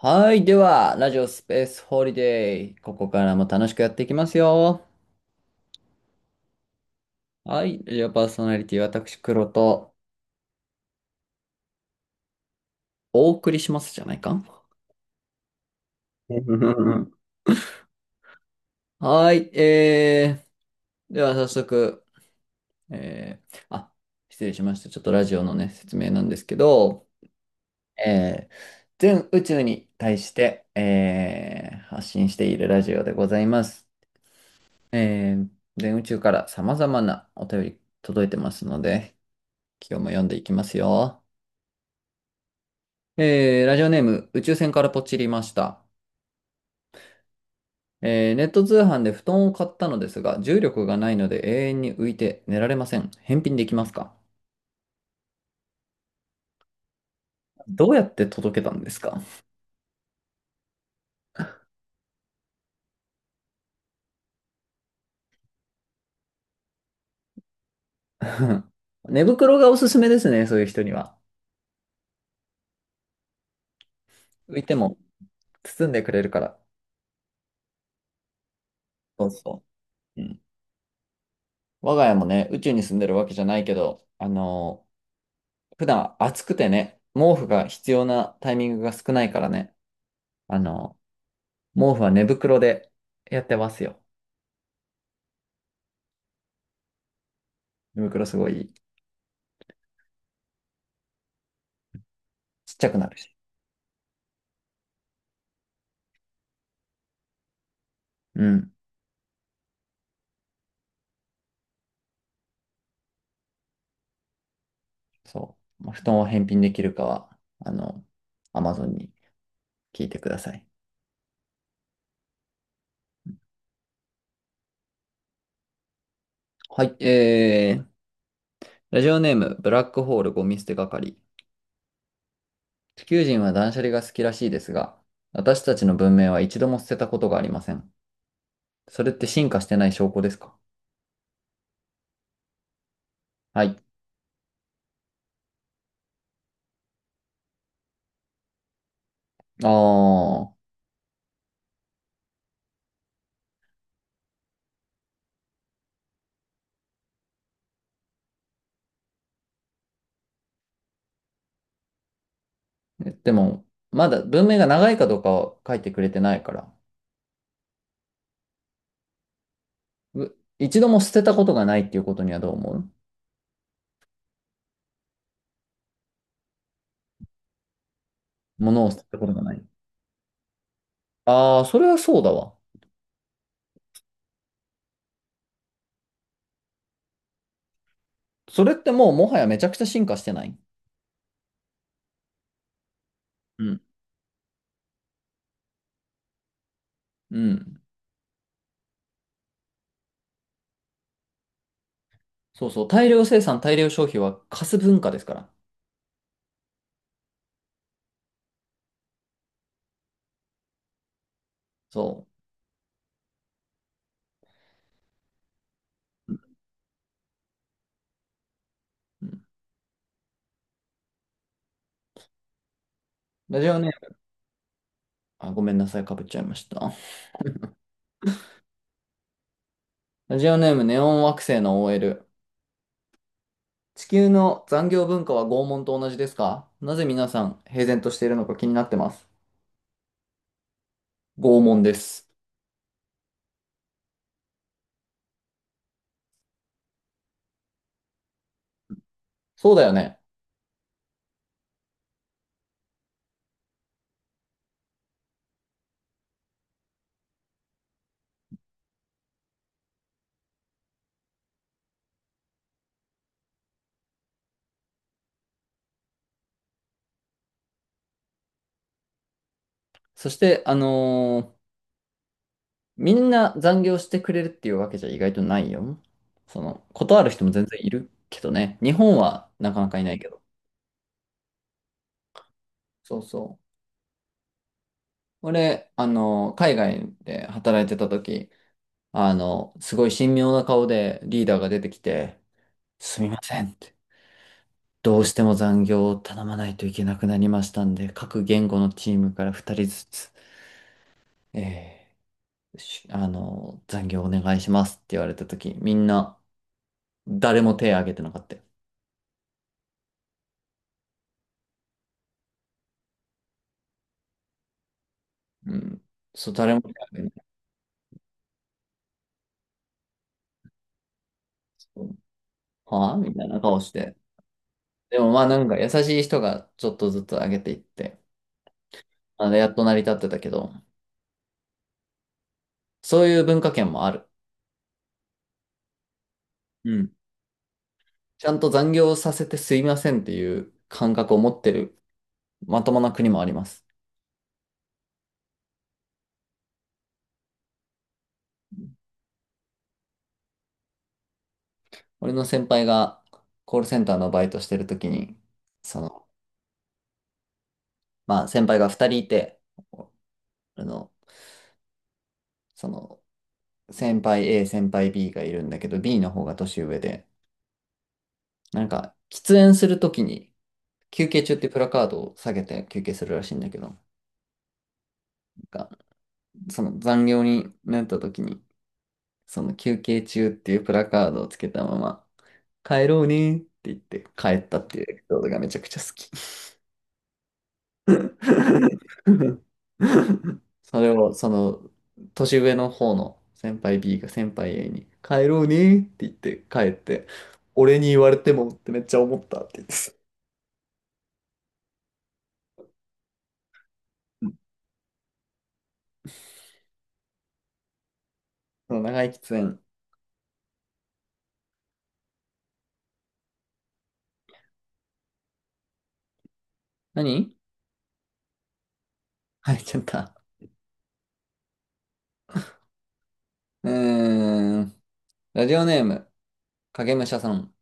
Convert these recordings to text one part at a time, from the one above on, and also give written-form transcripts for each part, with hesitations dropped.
はい。では、ラジオスペースホリデー。ここからも楽しくやっていきますよ。はい。ラジオパーソナリティ、私、黒とお送りしますじゃないか。はい。では、早速、えー、あ、失礼しました。ちょっとラジオのね、説明なんですけど、えー、全宇宙に対して、発信しているラジオでございます。えー、全宇宙から様々なお便り届いてますので、今日も読んでいきますよ。ラジオネーム、宇宙船からポチりました。ネット通販で布団を買ったのですが、重力がないので永遠に浮いて寝られません。返品できますか？どうやって届けたんですか？ 寝袋がおすすめですね、そういう人には。浮いても包んでくれるから。そうそう。うん。我が家もね、宇宙に住んでるわけじゃないけど、普段暑くてね、毛布が必要なタイミングが少ないからね、あの毛布は寝袋でやってますよ。胃袋すごいちっちゃくなるし。うん。そう。まあ布団を返品できるかは、あの、アマゾンに聞いてください。はい。ラジオネーム、ブラックホールゴミ捨て係。地球人は断捨離が好きらしいですが、私たちの文明は一度も捨てたことがありません。それって進化してない証拠ですか？はい。ああ、えでも、まだ文明が長いかどうかは書いてくれてないから、う一度も捨てたことがないっていうことにはどう思う？物を捨てたことがない。ああ、それはそうだわ。それってもうもはやめちゃくちゃ進化してない？うん。うん。そうそう。大量生産、大量消費はカス文化ですから。そう。うんうんラジオネーム、あ、ごめんなさい、かぶっちゃいました。ラジオネーム、ネオン惑星の OL。地球の残業文化は拷問と同じですか？なぜ皆さん平然としているのか気になってます。拷問です。そうだよね。そして、みんな残業してくれるっていうわけじゃ意外とないよ。その、断る人も全然いるけどね。日本はなかなかいないけど。そうそう。俺、あの、海外で働いてた時、あの、すごい神妙な顔でリーダーが出てきて、すみませんって。どうしても残業を頼まないといけなくなりましたんで、各言語のチームから2人ずつ、えーしあの、残業お願いしますって言われた時、みんな誰も手を挙げてなかったよ。うん。そう、誰も手を挙げない。そうはあみたいな顔して。でもまあなんか優しい人がちょっとずつ上げていって、あれやっと成り立ってたけど、そういう文化圏もある。うん。ちゃんと残業させてすいませんっていう感覚を持ってるまともな国もあります。俺の先輩がコールセンターのバイトしてる時に、その、まあ先輩が2人いて、あの、その、先輩 A、先輩 B がいるんだけど、B の方が年上で、なんか、喫煙するときに、休憩中ってプラカードを下げて休憩するらしいんだけど、なんかその残業になった時に、その休憩中っていうプラカードをつけたまま、帰ろうねって言って帰ったっていうエピソードがめちゃくちゃ好き。それをその年上の方の先輩 B が先輩 A に帰ろうねって言って帰って、俺に言われてもってめっちゃ思ったって言って、その長い喫煙。何 入っちゃった。うーん。ラジオネーム、影武者さん。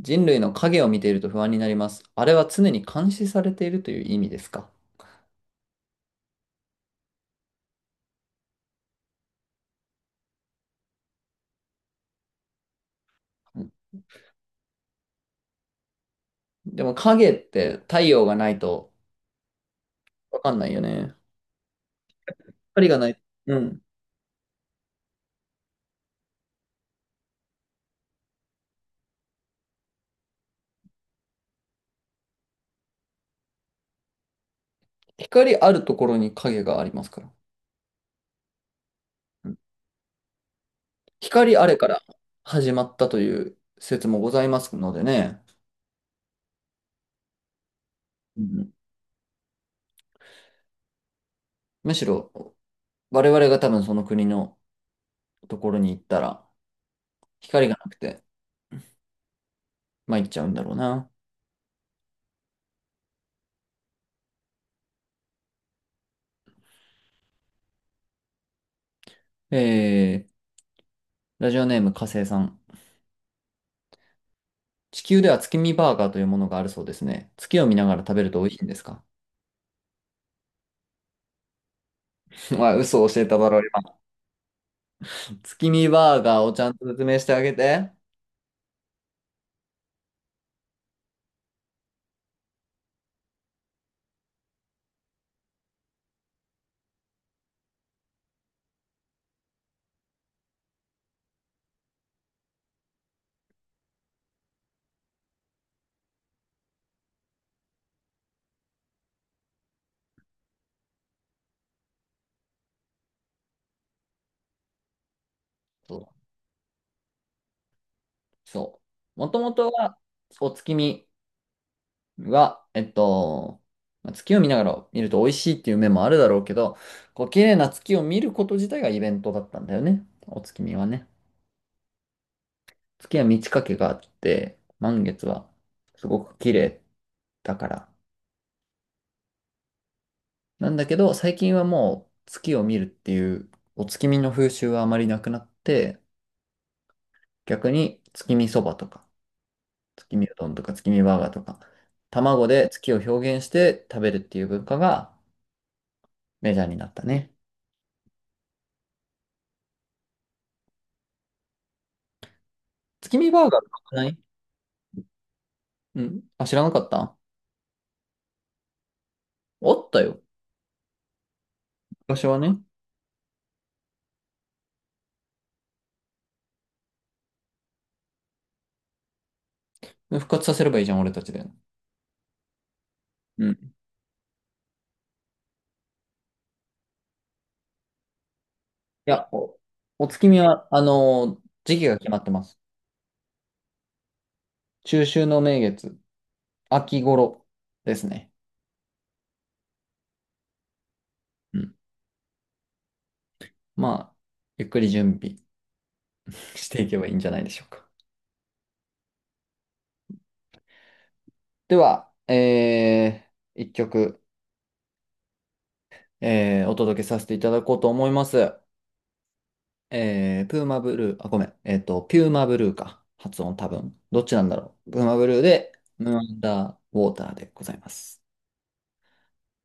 人類の影を見ていると不安になります。あれは常に監視されているという意味ですか？うん、でも影って太陽がないとわかんないよね。光がない。うん。光あるところに影がありますから。うん、光あれから始まったという説もございますのでね。うん、むしろ我々が多分その国のところに行ったら光がなくて参っちゃうんだろうな。えー、ラジオネーム火星さん。地球では月見バーガーというものがあるそうですね。月を見ながら食べると美味しいんですか？ まあ、嘘を教えただろう、今。月見バーガーをちゃんと説明してあげて。そう。そう。もともとは、お月見は、えっと、まあ月を見ながら見ると美味しいっていう面もあるだろうけど、こう、綺麗な月を見ること自体がイベントだったんだよね。お月見はね。月は満ち欠けがあって、満月はすごく綺麗だから。なんだけど、最近はもう月を見るっていうお月見の風習はあまりなくなって、逆に月見そばとか、月見うどんとか月見バーガーとか、卵で月を表現して食べるっていう文化がメジャーになったね。月見バーガーとかない？うん。あ、知らなかったあったよ。昔はね。復活させればいいじゃん、俺たちで。うん。いや、お、お月見は、時期が決まってます。中秋の名月、秋頃ですね。うんまあ、ゆっくり準備していけばいいんじゃないでしょうか。では、一曲、お届けさせていただこうと思います。プーマブルー、あ、ごめん、えっと、ピューマブルーか。発音多分。どっちなんだろう。プーマブルーで、ムーンダーウォーターでございます。